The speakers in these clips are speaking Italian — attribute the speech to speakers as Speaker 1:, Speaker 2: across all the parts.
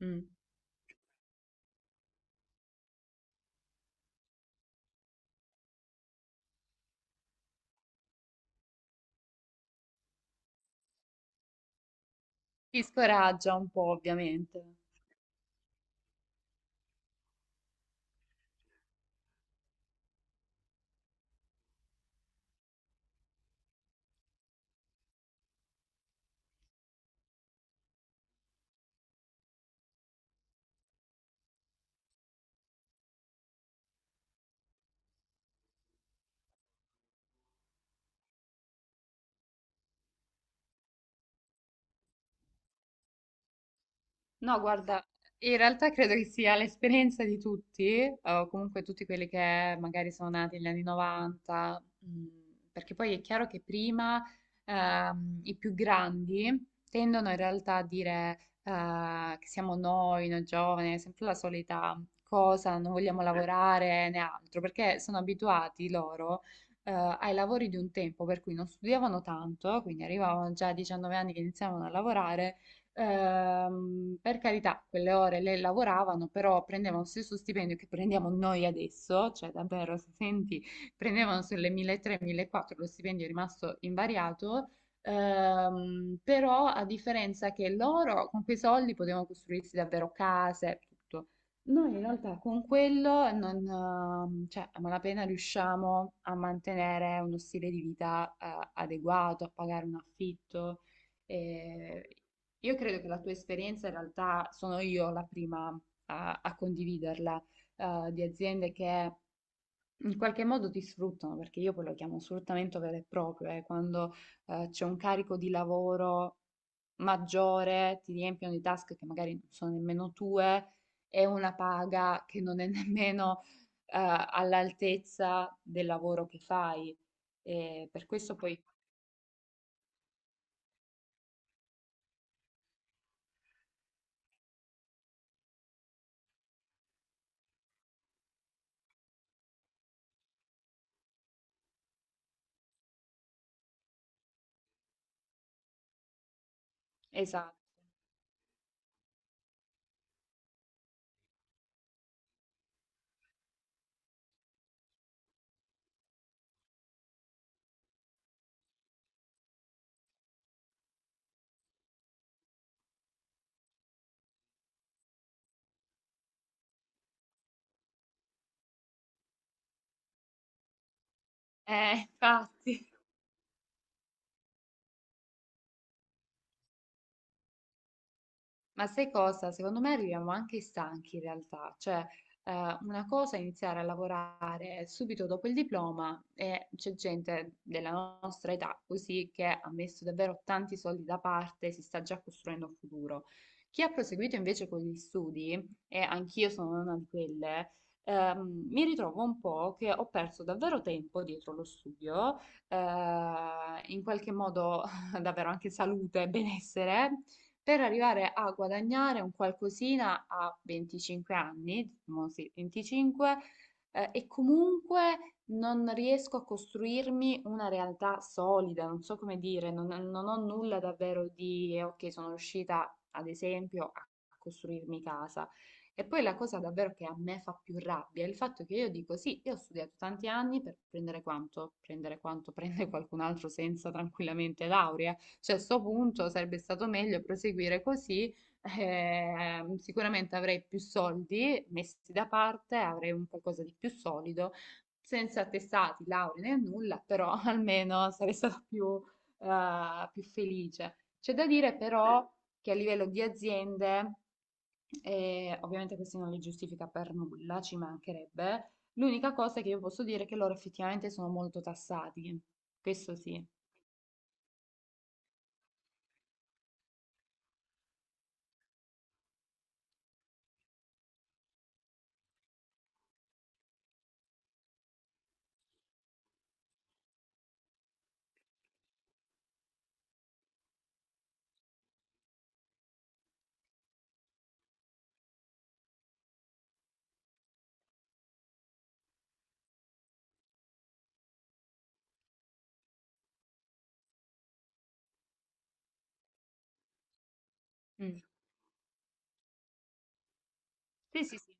Speaker 1: Mh. Ti scoraggia un po' ovviamente. No, guarda, in realtà credo che sia l'esperienza di tutti, o comunque tutti quelli che magari sono nati negli anni 90, perché poi è chiaro che prima i più grandi tendono in realtà a dire che siamo noi, noi giovani, è sempre la solita cosa, non vogliamo lavorare né altro, perché sono abituati loro eh, ai lavori di un tempo, per cui non studiavano tanto, quindi arrivavano già a 19 anni che iniziavano a lavorare. Per carità, quelle ore le lavoravano, però prendevano lo stesso stipendio che prendiamo noi adesso, cioè davvero, se senti, prendevano sulle 1300-1400, lo stipendio è rimasto invariato. Però a differenza che loro con quei soldi potevano costruirsi davvero case, tutto. Noi in realtà con quello non, cioè, a malapena riusciamo a mantenere uno stile di vita, adeguato, a pagare un affitto. E io credo che la tua esperienza in realtà sono io la prima a condividerla, di aziende che in qualche modo ti sfruttano, perché io poi lo chiamo sfruttamento vero e proprio, quando c'è un carico di lavoro maggiore, ti riempiono di task che magari non sono nemmeno tue e una paga che non è nemmeno eh, all'altezza del lavoro che fai. E per questo poi, esatto. Infatti. Ma sai cosa? Secondo me arriviamo anche stanchi in realtà, cioè una cosa è iniziare a lavorare subito dopo il diploma e c'è gente della nostra età così che ha messo davvero tanti soldi da parte, si sta già costruendo un futuro. Chi ha proseguito invece con gli studi, e anch'io sono una di quelle, mi ritrovo un po' che ho perso davvero tempo dietro lo studio, eh, in qualche modo davvero anche salute e benessere per arrivare a guadagnare un qualcosina a 25 anni, diciamo sì, 25, e comunque non riesco a costruirmi una realtà solida, non so come dire, non ho nulla davvero di, ok, sono riuscita ad esempio a costruirmi casa. E poi la cosa davvero che a me fa più rabbia è il fatto che io dico sì, io ho studiato tanti anni per prendere quanto prende qualcun altro senza tranquillamente laurea. Cioè, a sto punto sarebbe stato meglio proseguire così. Sicuramente avrei più soldi messi da parte, avrei un qualcosa di più solido, senza attestati, lauree né nulla, però almeno sarei stata più, più felice. C'è da dire però che a livello di aziende, ovviamente questo non li giustifica per nulla, ci mancherebbe. L'unica cosa che io posso dire è che loro effettivamente sono molto tassati. Questo sì. Mm. Sì, sì, sì.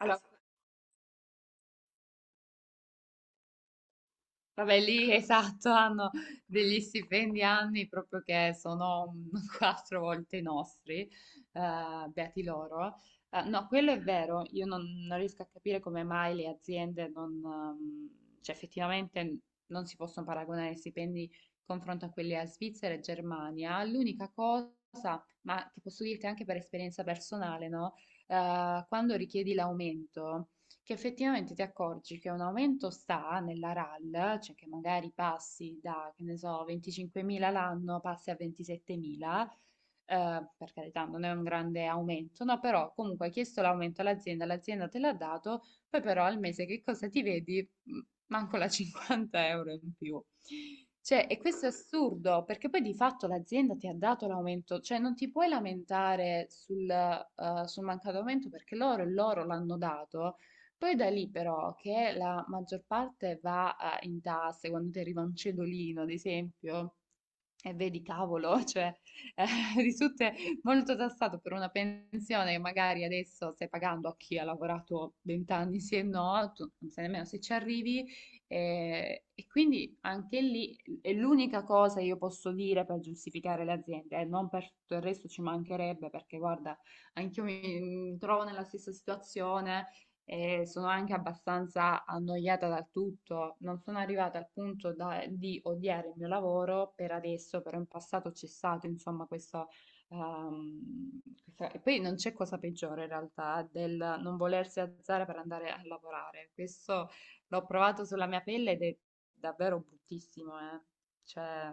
Speaker 1: Allora, vabbè, lì esatto, hanno degli stipendi anni proprio che sono quattro volte i nostri, beati loro. No, quello è vero, io non riesco a capire come mai le aziende non, cioè effettivamente non si possono paragonare i stipendi in confronto a quelli a Svizzera e Germania. L'unica cosa, ma che posso dirti anche per esperienza personale, no? Quando richiedi l'aumento che effettivamente ti accorgi che un aumento sta nella RAL, cioè che magari passi da, che ne so, 25.000 l'anno, passi a 27.000, per carità non è un grande aumento, no, però comunque hai chiesto l'aumento all'azienda, l'azienda te l'ha dato, poi però al mese che cosa ti vedi? Manco la 50 € in più. Cioè, e questo è assurdo, perché poi di fatto l'azienda ti ha dato l'aumento, cioè non ti puoi lamentare sul, sul mancato aumento perché loro l'hanno dato poi da lì però che la maggior parte va in tasse, quando ti arriva un cedolino, ad esempio, e vedi cavolo, cioè eh, risulta molto tassato per una pensione che magari adesso stai pagando a chi ha lavorato 20 anni, sì e no, tu non sai nemmeno se ci arrivi. E quindi anche lì è l'unica cosa che io posso dire per giustificare le aziende, non per tutto il resto ci mancherebbe, perché guarda, anch'io mi trovo nella stessa situazione e sono anche abbastanza annoiata dal tutto. Non sono arrivata al punto di odiare il mio lavoro per adesso, però in passato c'è stato, insomma, questo. ehm, E poi non c'è cosa peggiore in realtà del non volersi alzare per andare a lavorare. Questo l'ho provato sulla mia pelle ed è davvero bruttissimo, eh. Cioè,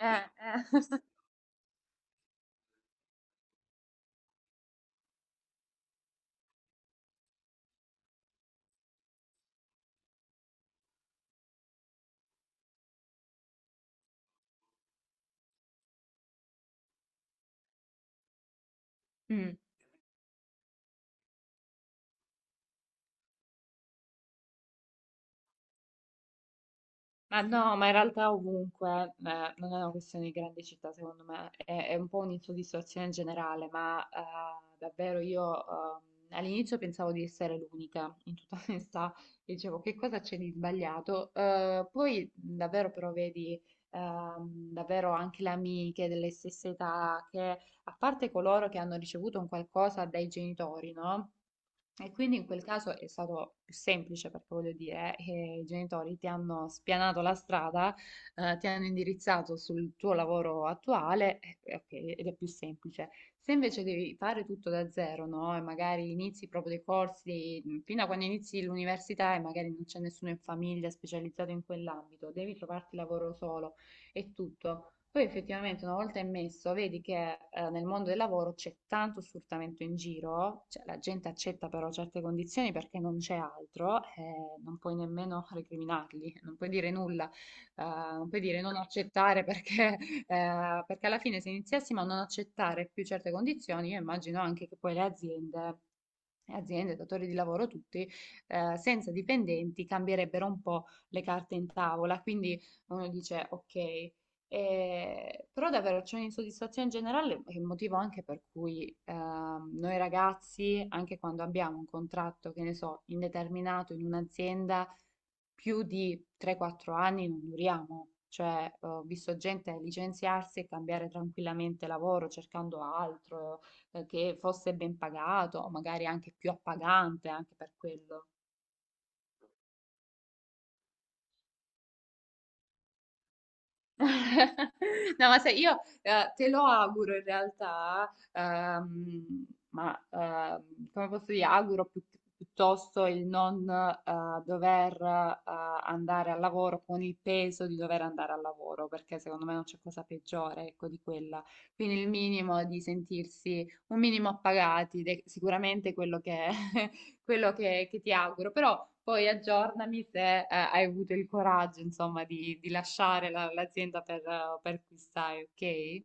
Speaker 1: eh, eh. Mm. Ma no, ma in realtà ovunque, non è una questione di grandi città, secondo me, è un po' un'insoddisfazione generale, ma davvero io all'inizio pensavo di essere l'unica, in tutta onestà, dicevo che cosa c'è di sbagliato. Poi davvero però vedi davvero anche le amiche delle stesse età, che a parte coloro che hanno ricevuto un qualcosa dai genitori, no? E quindi in quel caso è stato più semplice perché voglio dire che i genitori ti hanno spianato la strada, ti hanno indirizzato sul tuo lavoro attuale, ok, ed è più semplice. Se invece devi fare tutto da zero, no? E magari inizi proprio dei corsi fino a quando inizi l'università e magari non c'è nessuno in famiglia specializzato in quell'ambito, devi trovarti lavoro solo e tutto. Poi effettivamente una volta immesso, vedi che nel mondo del lavoro c'è tanto sfruttamento in giro, cioè la gente accetta però certe condizioni perché non c'è altro, non puoi nemmeno recriminarli, non puoi dire nulla, non puoi dire non accettare perché, perché alla fine se iniziassimo a non accettare più certe condizioni, io immagino anche che poi le aziende, aziende, datori di lavoro tutti, senza dipendenti cambierebbero un po' le carte in tavola, quindi uno dice ok. Però davvero c'è un'insoddisfazione generale, che è il motivo anche per cui noi ragazzi, anche quando abbiamo un contratto, che ne so, indeterminato in un'azienda, più di 3-4 anni non duriamo. Cioè, ho visto gente licenziarsi e cambiare tranquillamente lavoro cercando altro, che fosse ben pagato, o magari anche più appagante, anche per quello. No, ma sai, io te lo auguro in realtà, come posso dire, auguro piuttosto il non dover andare al lavoro con il peso di dover andare al lavoro, perché secondo me non c'è cosa peggiore, ecco, di quella. Quindi il minimo di sentirsi un minimo appagati, ed è sicuramente quello che, quello che ti auguro, però... Poi aggiornami se hai avuto il coraggio, insomma, di lasciare l'azienda per cui stai, ok?